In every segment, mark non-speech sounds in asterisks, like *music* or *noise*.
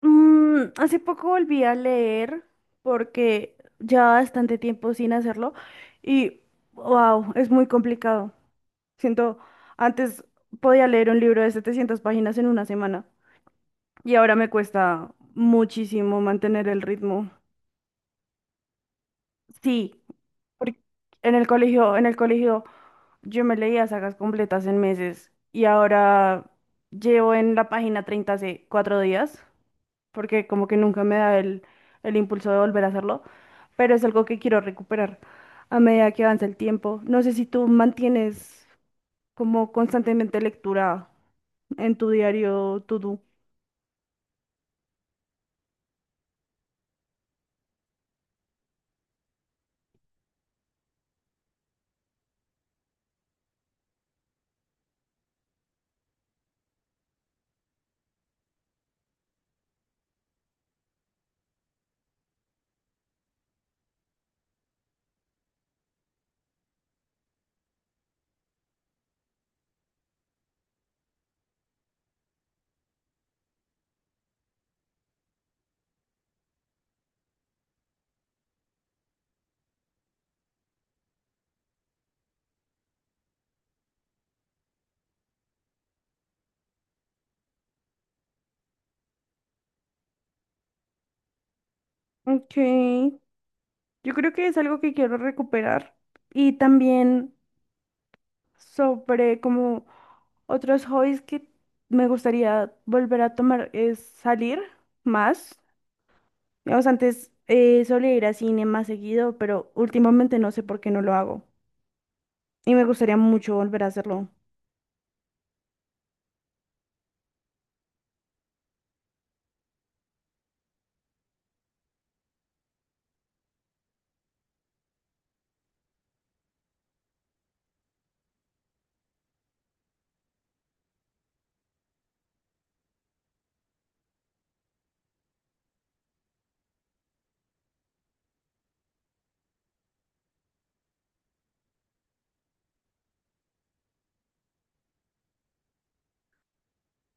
Hace poco volví a leer porque ya bastante tiempo sin hacerlo y wow, es muy complicado. Siento, antes podía leer un libro de 700 páginas en una semana y ahora me cuesta muchísimo mantener el ritmo. Sí, porque en el colegio yo me leía sagas completas en meses y ahora llevo en la página 30 hace 4 días. Porque como que nunca me da el impulso de volver a hacerlo, pero es algo que quiero recuperar a medida que avanza el tiempo. No sé si tú mantienes como constantemente lectura en tu diario to-do. Ok, yo creo que es algo que quiero recuperar y también sobre como otros hobbies que me gustaría volver a tomar es salir más. Digamos, antes solía ir a cine más seguido, pero últimamente no sé por qué no lo hago. Y me gustaría mucho volver a hacerlo.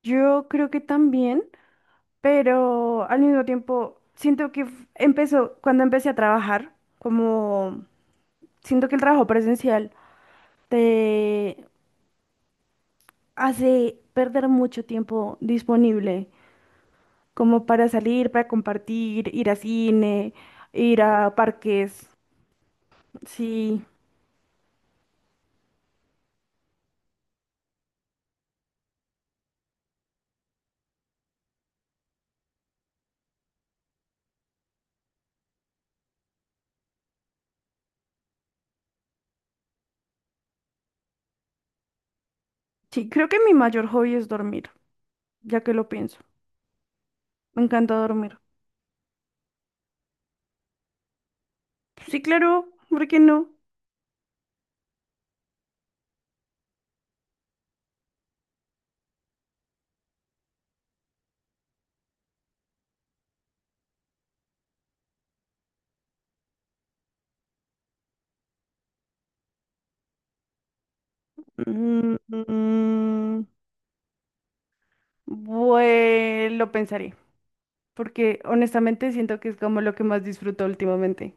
Yo creo que también, pero al mismo tiempo siento que empezó, cuando empecé a trabajar, como siento que el trabajo presencial te hace perder mucho tiempo disponible, como para salir, para compartir, ir a cine, ir a parques. Sí, sí, creo que mi mayor hobby es dormir, ya que lo pienso. Me encanta dormir. Sí, claro, ¿por qué no? Mm, mm, mm. Bueno, lo pensaré, porque honestamente siento que es como lo que más disfruto últimamente,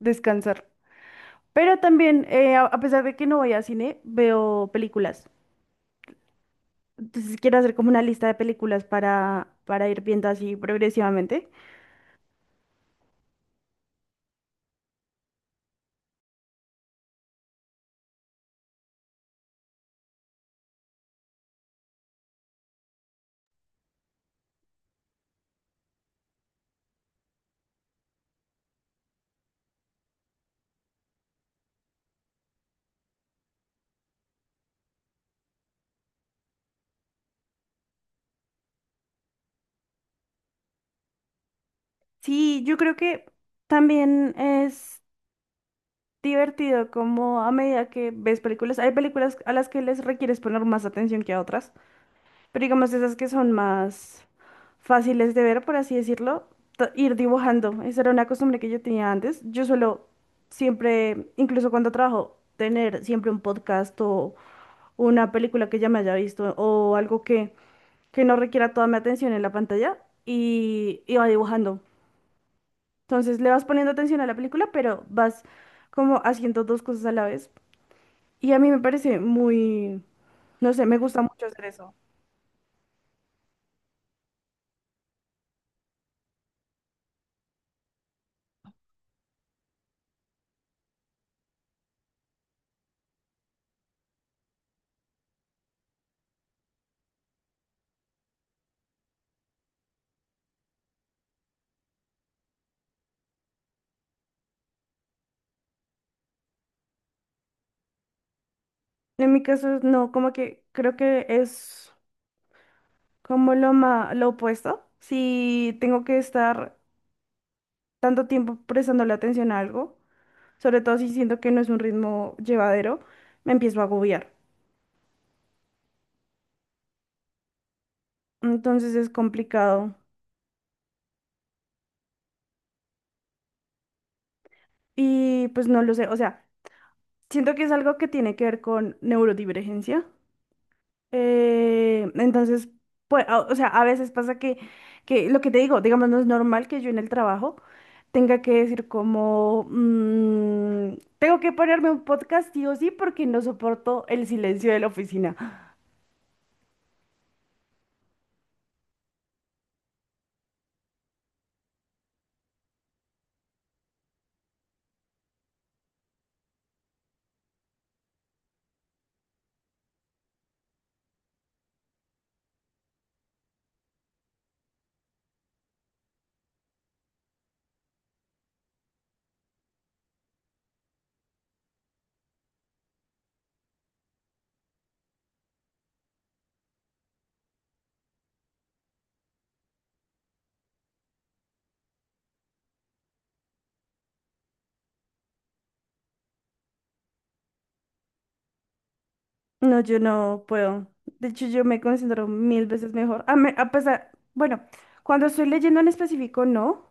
descansar. Pero también, a pesar de que no voy a cine, veo películas. Entonces quiero hacer como una lista de películas para ir viendo así progresivamente. Sí, yo creo que también es divertido como a medida que ves películas. Hay películas a las que les requieres poner más atención que a otras. Pero digamos esas que son más fáciles de ver, por así decirlo, ir dibujando. Esa era una costumbre que yo tenía antes. Yo suelo siempre, incluso cuando trabajo, tener siempre un podcast o una película que ya me haya visto o algo que no requiera toda mi atención en la pantalla y iba dibujando. Entonces le vas poniendo atención a la película, pero vas como haciendo dos cosas a la vez. Y a mí me parece muy, no sé, me gusta mucho hacer eso. En mi caso, no, como que creo que es como lo lo opuesto. Si tengo que estar tanto tiempo prestándole atención a algo, sobre todo si siento que no es un ritmo llevadero, me empiezo a agobiar. Entonces es complicado. Y pues no lo sé, o sea, siento que es algo que tiene que ver con neurodivergencia. Entonces, pues, o sea, a veces pasa que lo que te digo, digamos, no es normal que yo en el trabajo tenga que decir como, "Mm, tengo que ponerme un podcast sí o sí porque no soporto el silencio de la oficina. No, yo no puedo. De hecho, yo me concentro mil veces mejor. A pesar, bueno, cuando estoy leyendo en específico, no.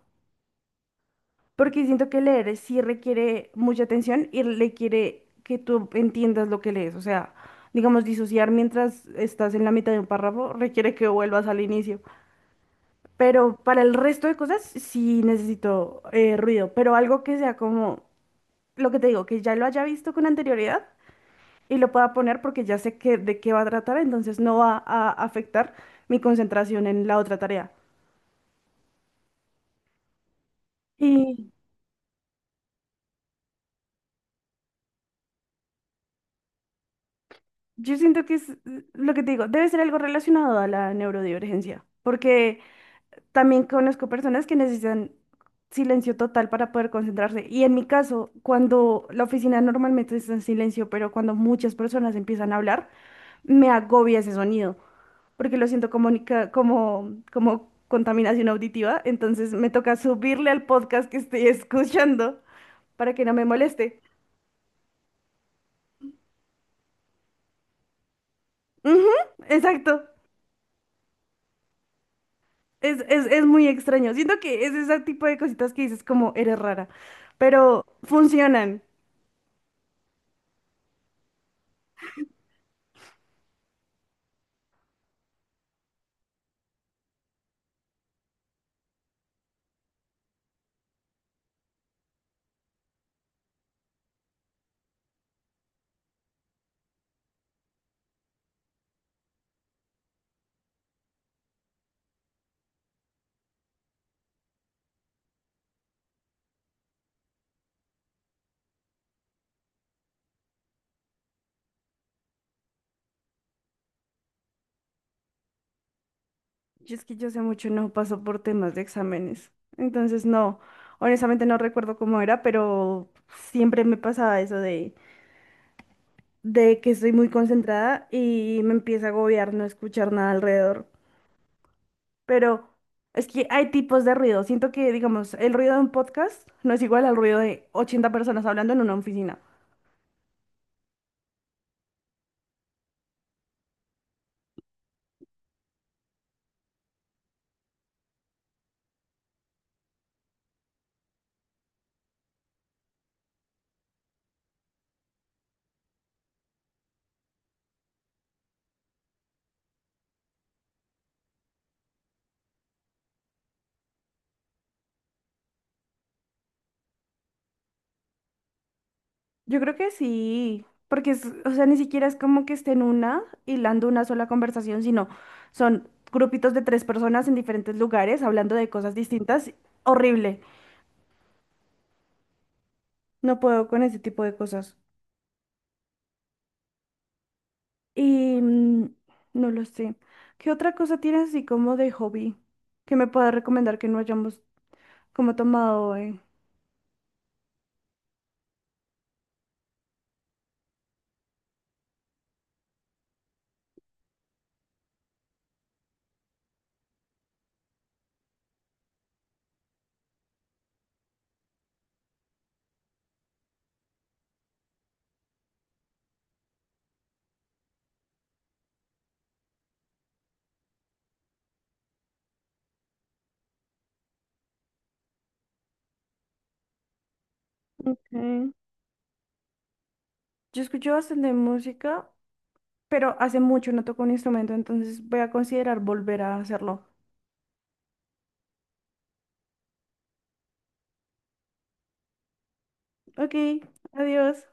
Porque siento que leer sí requiere mucha atención y requiere que tú entiendas lo que lees. O sea, digamos, disociar mientras estás en la mitad de un párrafo requiere que vuelvas al inicio. Pero para el resto de cosas sí necesito ruido, pero algo que sea como lo que te digo, que ya lo haya visto con anterioridad y lo pueda poner porque ya sé de qué va a tratar, entonces no va a afectar mi concentración en la otra tarea. Y Yo siento que es lo que te digo, debe ser algo relacionado a la neurodivergencia, porque también conozco personas que necesitan silencio total para poder concentrarse. Y en mi caso, cuando la oficina normalmente está en silencio, pero cuando muchas personas empiezan a hablar, me agobia ese sonido, porque lo siento como, como, como contaminación auditiva, entonces me toca subirle al podcast que estoy *laughs* escuchando para que no me moleste. Ujú, exacto. Es muy extraño. Siento que es ese tipo de cositas que dices como eres rara, pero funcionan. Y es que yo sé mucho, no paso por temas de exámenes. Entonces, no, honestamente no recuerdo cómo era, pero siempre me pasaba eso de que estoy muy concentrada y me empieza a agobiar no escuchar nada alrededor. Pero es que hay tipos de ruido. Siento que, digamos, el ruido de un podcast no es igual al ruido de 80 personas hablando en una oficina. Yo creo que sí, porque es, o sea, ni siquiera es como que estén una hilando una sola conversación, sino son grupitos de 3 personas en diferentes lugares hablando de cosas distintas. Horrible. No puedo con ese tipo de cosas. Y mm, no lo sé. ¿Qué otra cosa tienes así como de hobby que me puedas recomendar que no hayamos como tomado hoy? Ok. Yo escucho bastante música, pero hace mucho no toco un instrumento, entonces voy a considerar volver a hacerlo. Ok, adiós.